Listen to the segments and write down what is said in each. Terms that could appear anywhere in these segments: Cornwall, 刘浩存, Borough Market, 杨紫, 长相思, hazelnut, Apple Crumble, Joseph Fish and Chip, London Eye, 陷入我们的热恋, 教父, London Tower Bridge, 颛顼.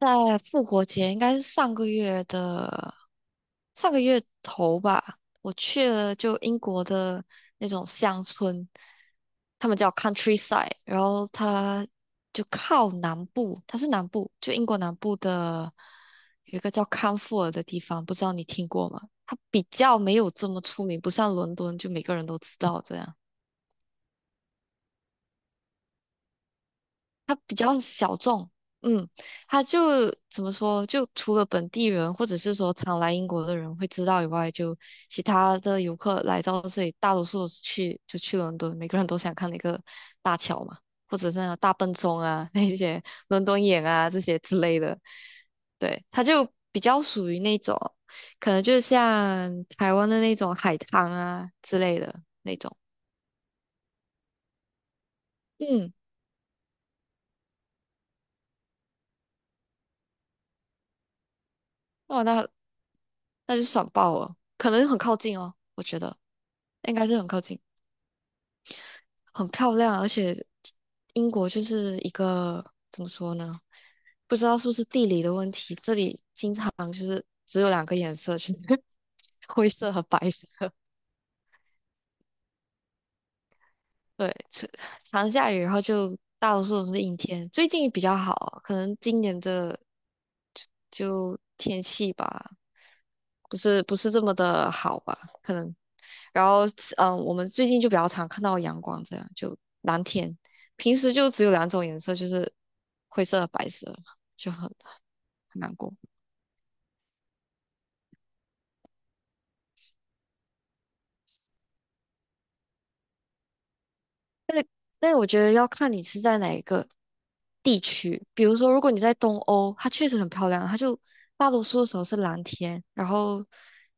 在复活节，应该是上个月头吧，我去了就英国的那种乡村，他们叫 countryside，然后它就靠南部，它是南部，就英国南部的有一个叫康沃尔的地方，不知道你听过吗？它比较没有这么出名，不像伦敦就每个人都知道这样。它比较小众，嗯，它就怎么说，就除了本地人或者是说常来英国的人会知道以外，就其他的游客来到这里，大多数都是去就去伦敦，每个人都想看那个大桥嘛，或者是那个大笨钟啊，那些伦敦眼啊这些之类的，对，它就比较属于那种，可能就像台湾的那种海滩啊之类的那种，嗯，哇，那就爽爆了，可能很靠近哦，我觉得。应该是很靠近，很漂亮，而且英国就是一个怎么说呢？不知道是不是地理的问题，这里经常就是只有两个颜色，就是 灰色和白色。对，常常下雨，然后就大多数都是阴天。最近比较好，可能今年的就天气吧，不是这么的好吧？可能，然后嗯，我们最近就比较常看到阳光，这样就蓝天。平时就只有两种颜色，就是灰色和白色，就很难过。那我觉得要看你是在哪一个地区。比如说，如果你在东欧，它确实很漂亮，它就大多数的时候是蓝天，然后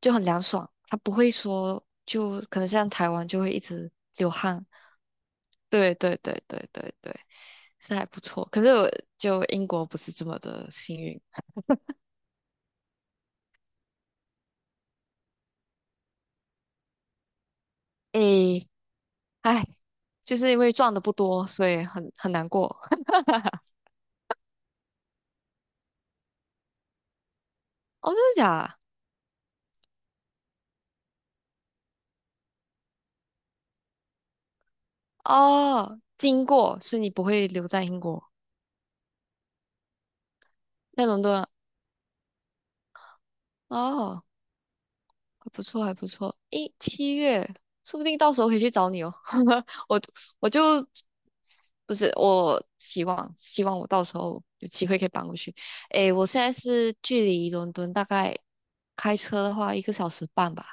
就很凉爽，它不会说就可能像台湾就会一直流汗。对对对对对对，是还不错。可是我就英国不是这么的幸运，诶，唉，就是因为赚的不多，所以很难过。哦，真的假的？哦，经过，所以你不会留在英国，在伦敦啊哦。还不错，还不错。诶，七月，说不定到时候可以去找你哦。我我就不是，我希望我到时候有机会可以搬过去。诶，我现在是距离伦敦大概开车的话一个小时半吧，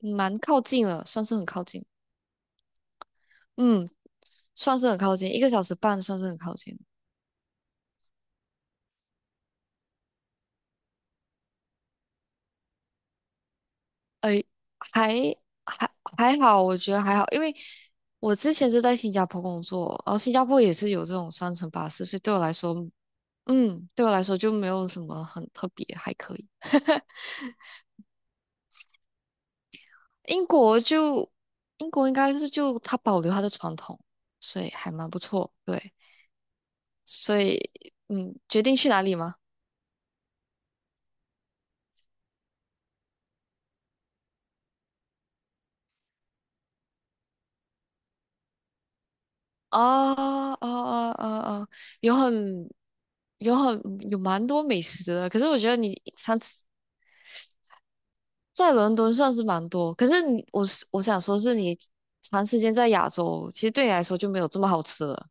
蛮靠近了，算是很靠近。嗯，算是很靠近，一个小时半算是很靠近。诶，还还还好，我觉得还好，因为我之前是在新加坡工作，然后新加坡也是有这种双层巴士，所以对我来说嗯，对我来说就没有什么很特别，还可以。英国就英国应该是就它保留它的传统，所以还蛮不错。对，所以决定去哪里吗？啊啊啊啊啊！有很有蛮多美食的，可是我觉得你常吃。在伦敦算是蛮多，可是你我是我想说，是你长时间在亚洲，其实对你来说就没有这么好吃了。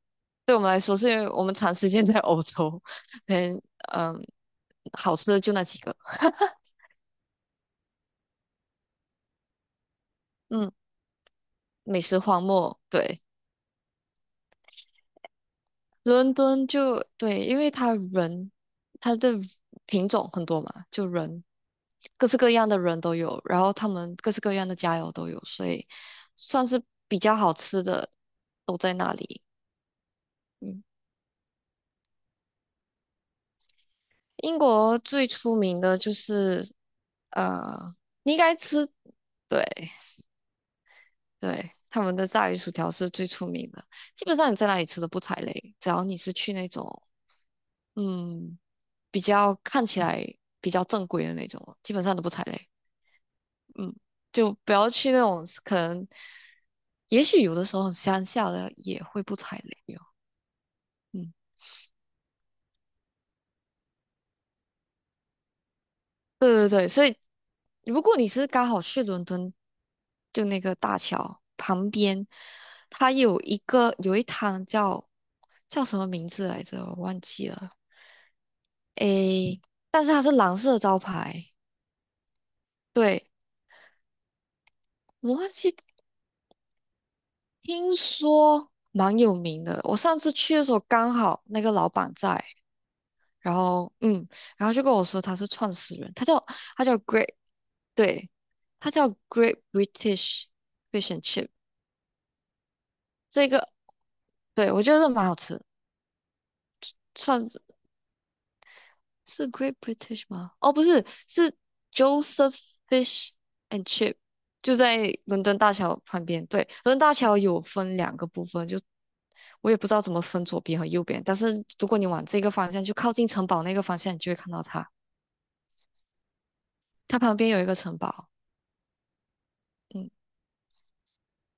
对我们来说，是因为我们长时间在欧洲，嗯嗯，好吃的就那几个，嗯，美食荒漠。对，伦敦就对，因为他人，他的品种很多嘛，就人各式各样的人都有，然后他们各式各样的佳肴都有，所以算是比较好吃的都在那里。嗯英国最出名的就是呃，你应该吃，对对，他们的炸鱼薯条是最出名的。基本上你在哪里吃都不踩雷，只要你是去那种嗯比较看起来比较正规的那种，基本上都不踩雷。嗯，就不要去那种可能，也许有的时候乡下的也会不踩雷哟。嗯对对对，所以如果你是刚好去伦敦，就那个大桥旁边，它有一个有一摊叫什么名字来着，我忘记了。诶，但是它是蓝色招牌，对，我忘记，听说蛮有名的。我上次去的时候刚好那个老板在，然后嗯，然后就跟我说他是创始人，他叫 Great，对，他叫 Great British Fish and Chip。这个对，我觉得蛮好吃的算是是 Great British 吗？哦，不是，是 Joseph Fish and Chip，就在伦敦大桥旁边。对，伦敦大桥有分两个部分，就我也不知道怎么分左边和右边，但是如果你往这个方向，就靠近城堡那个方向，你就会看到它。它旁边有一个城堡，嗯，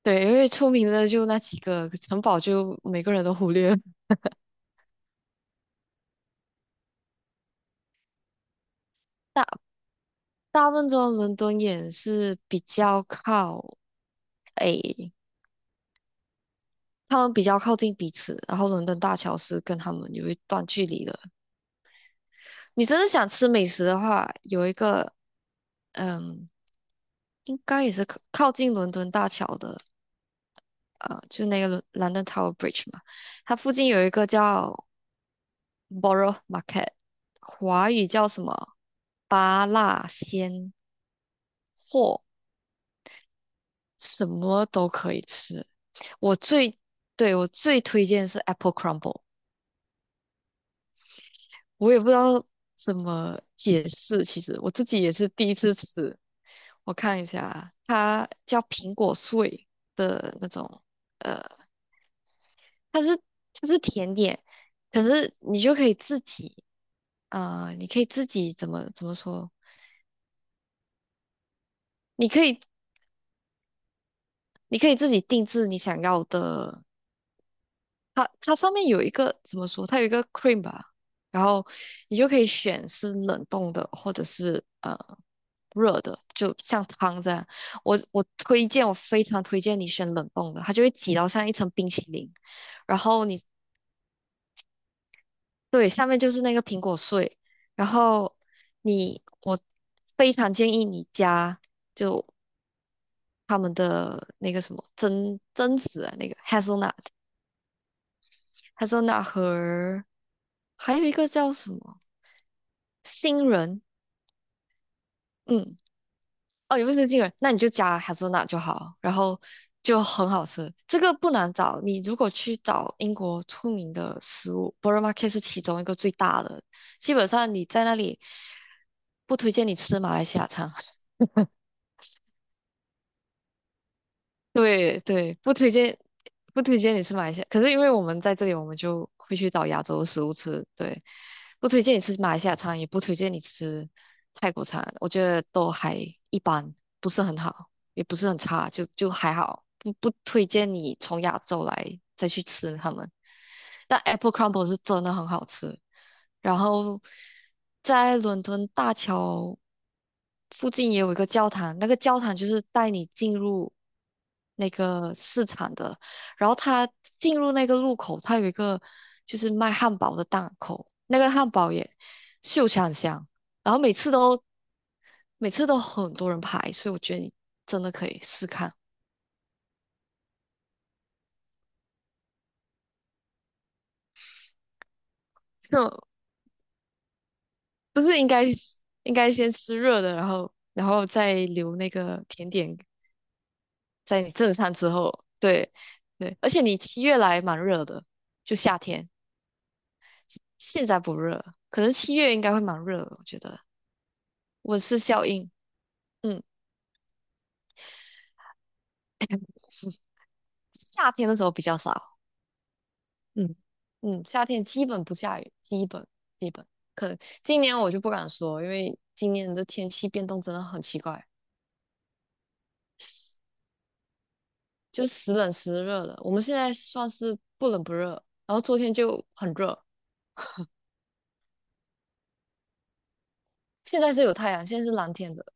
对，因为出名的就那几个城堡，就每个人都忽略了。大大部分中伦敦也是比较靠。他们比较靠近彼此，然后伦敦大桥是跟他们有一段距离的。你真的想吃美食的话，有一个嗯，应该也是靠靠近伦敦大桥的，就是那个London Tower Bridge 嘛，它附近有一个叫 Borough Market，华语叫什么巴辣鲜货，什么都可以吃。我最对，我最推荐是 Apple Crumble。我也不知道怎么解释。其实我自己也是第一次吃，我看一下，它叫苹果碎的那种，呃，它是就是甜点，可是你就可以自己，你可以自己怎么说？你可以你可以自己定制你想要的它上面有一个怎么说？它有一个 cream 吧，然后你就可以选是冷冻的，或者是热的，就像汤这样。我推荐，我非常推荐你选冷冻的，它就会挤到像一层冰淇淋，然后对下面就是那个苹果碎，然后我非常建议你加就他们的那个什么榛子啊，那个 hazelnut 和还有一个叫什么？新人，嗯，哦，也不是新人，那你就加哈森纳就好，然后就很好吃。这个不难找，你如果去找英国出名的食物 b o r o m a r k e t 是其中一个最大的，基本上你在那里不推荐你吃马来西亚餐。对对，不推荐，不推荐你吃马来西亚。可是因为我们在这里，我们就会去找亚洲的食物吃。对，不推荐你吃马来西亚餐，也不推荐你吃泰国餐。我觉得都还一般，不是很好，也不是很差，就就还好。不不推荐你从亚洲来再去吃他们。但 Apple Crumble 是真的很好吃。然后在伦敦大桥附近也有一个教堂，那个教堂就是带你进入那个市场的。然后它进入那个路口，它有一个就是卖汉堡的档口，那个汉堡也秀场香，然后每次都很多人排，所以我觉得你真的可以试看。就不是应该先吃热的，然后再留那个甜点在你正餐之后，对对，而且你七月来蛮热的，就夏天，现在不热，可能七月应该会蛮热的，我觉得温室效应，嗯，夏天的时候比较少，嗯嗯，夏天基本不下雨，基本基本，可能今年我就不敢说，因为今年的天气变动真的很奇怪，就时冷时热的，我们现在算是不冷不热，然后昨天就很热，现在是有太阳，现在是蓝天的。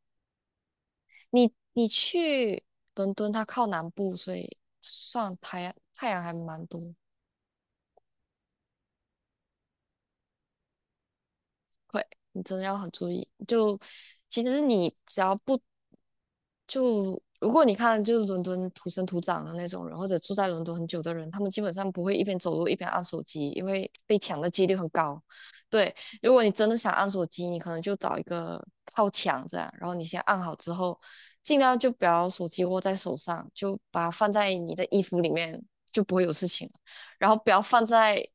你去伦敦，它靠南部，所以算太阳还蛮多。会，你真的要很注意。就其实你只要不就如果你看，就是伦敦土生土长的那种人，或者住在伦敦很久的人，他们基本上不会一边走路一边按手机，因为被抢的几率很高。对，如果你真的想按手机，你可能就找一个靠墙这样，然后你先按好之后，尽量就不要手机握在手上，就把它放在你的衣服里面，就不会有事情了然后不要放在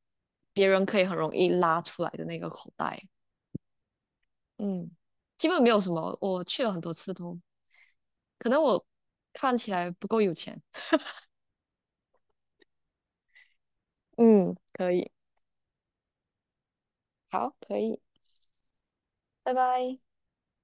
别人可以很容易拉出来的那个口袋。嗯，基本没有什么，我去了很多次都可能我看起来不够有钱。嗯，可以，好，可以，拜拜。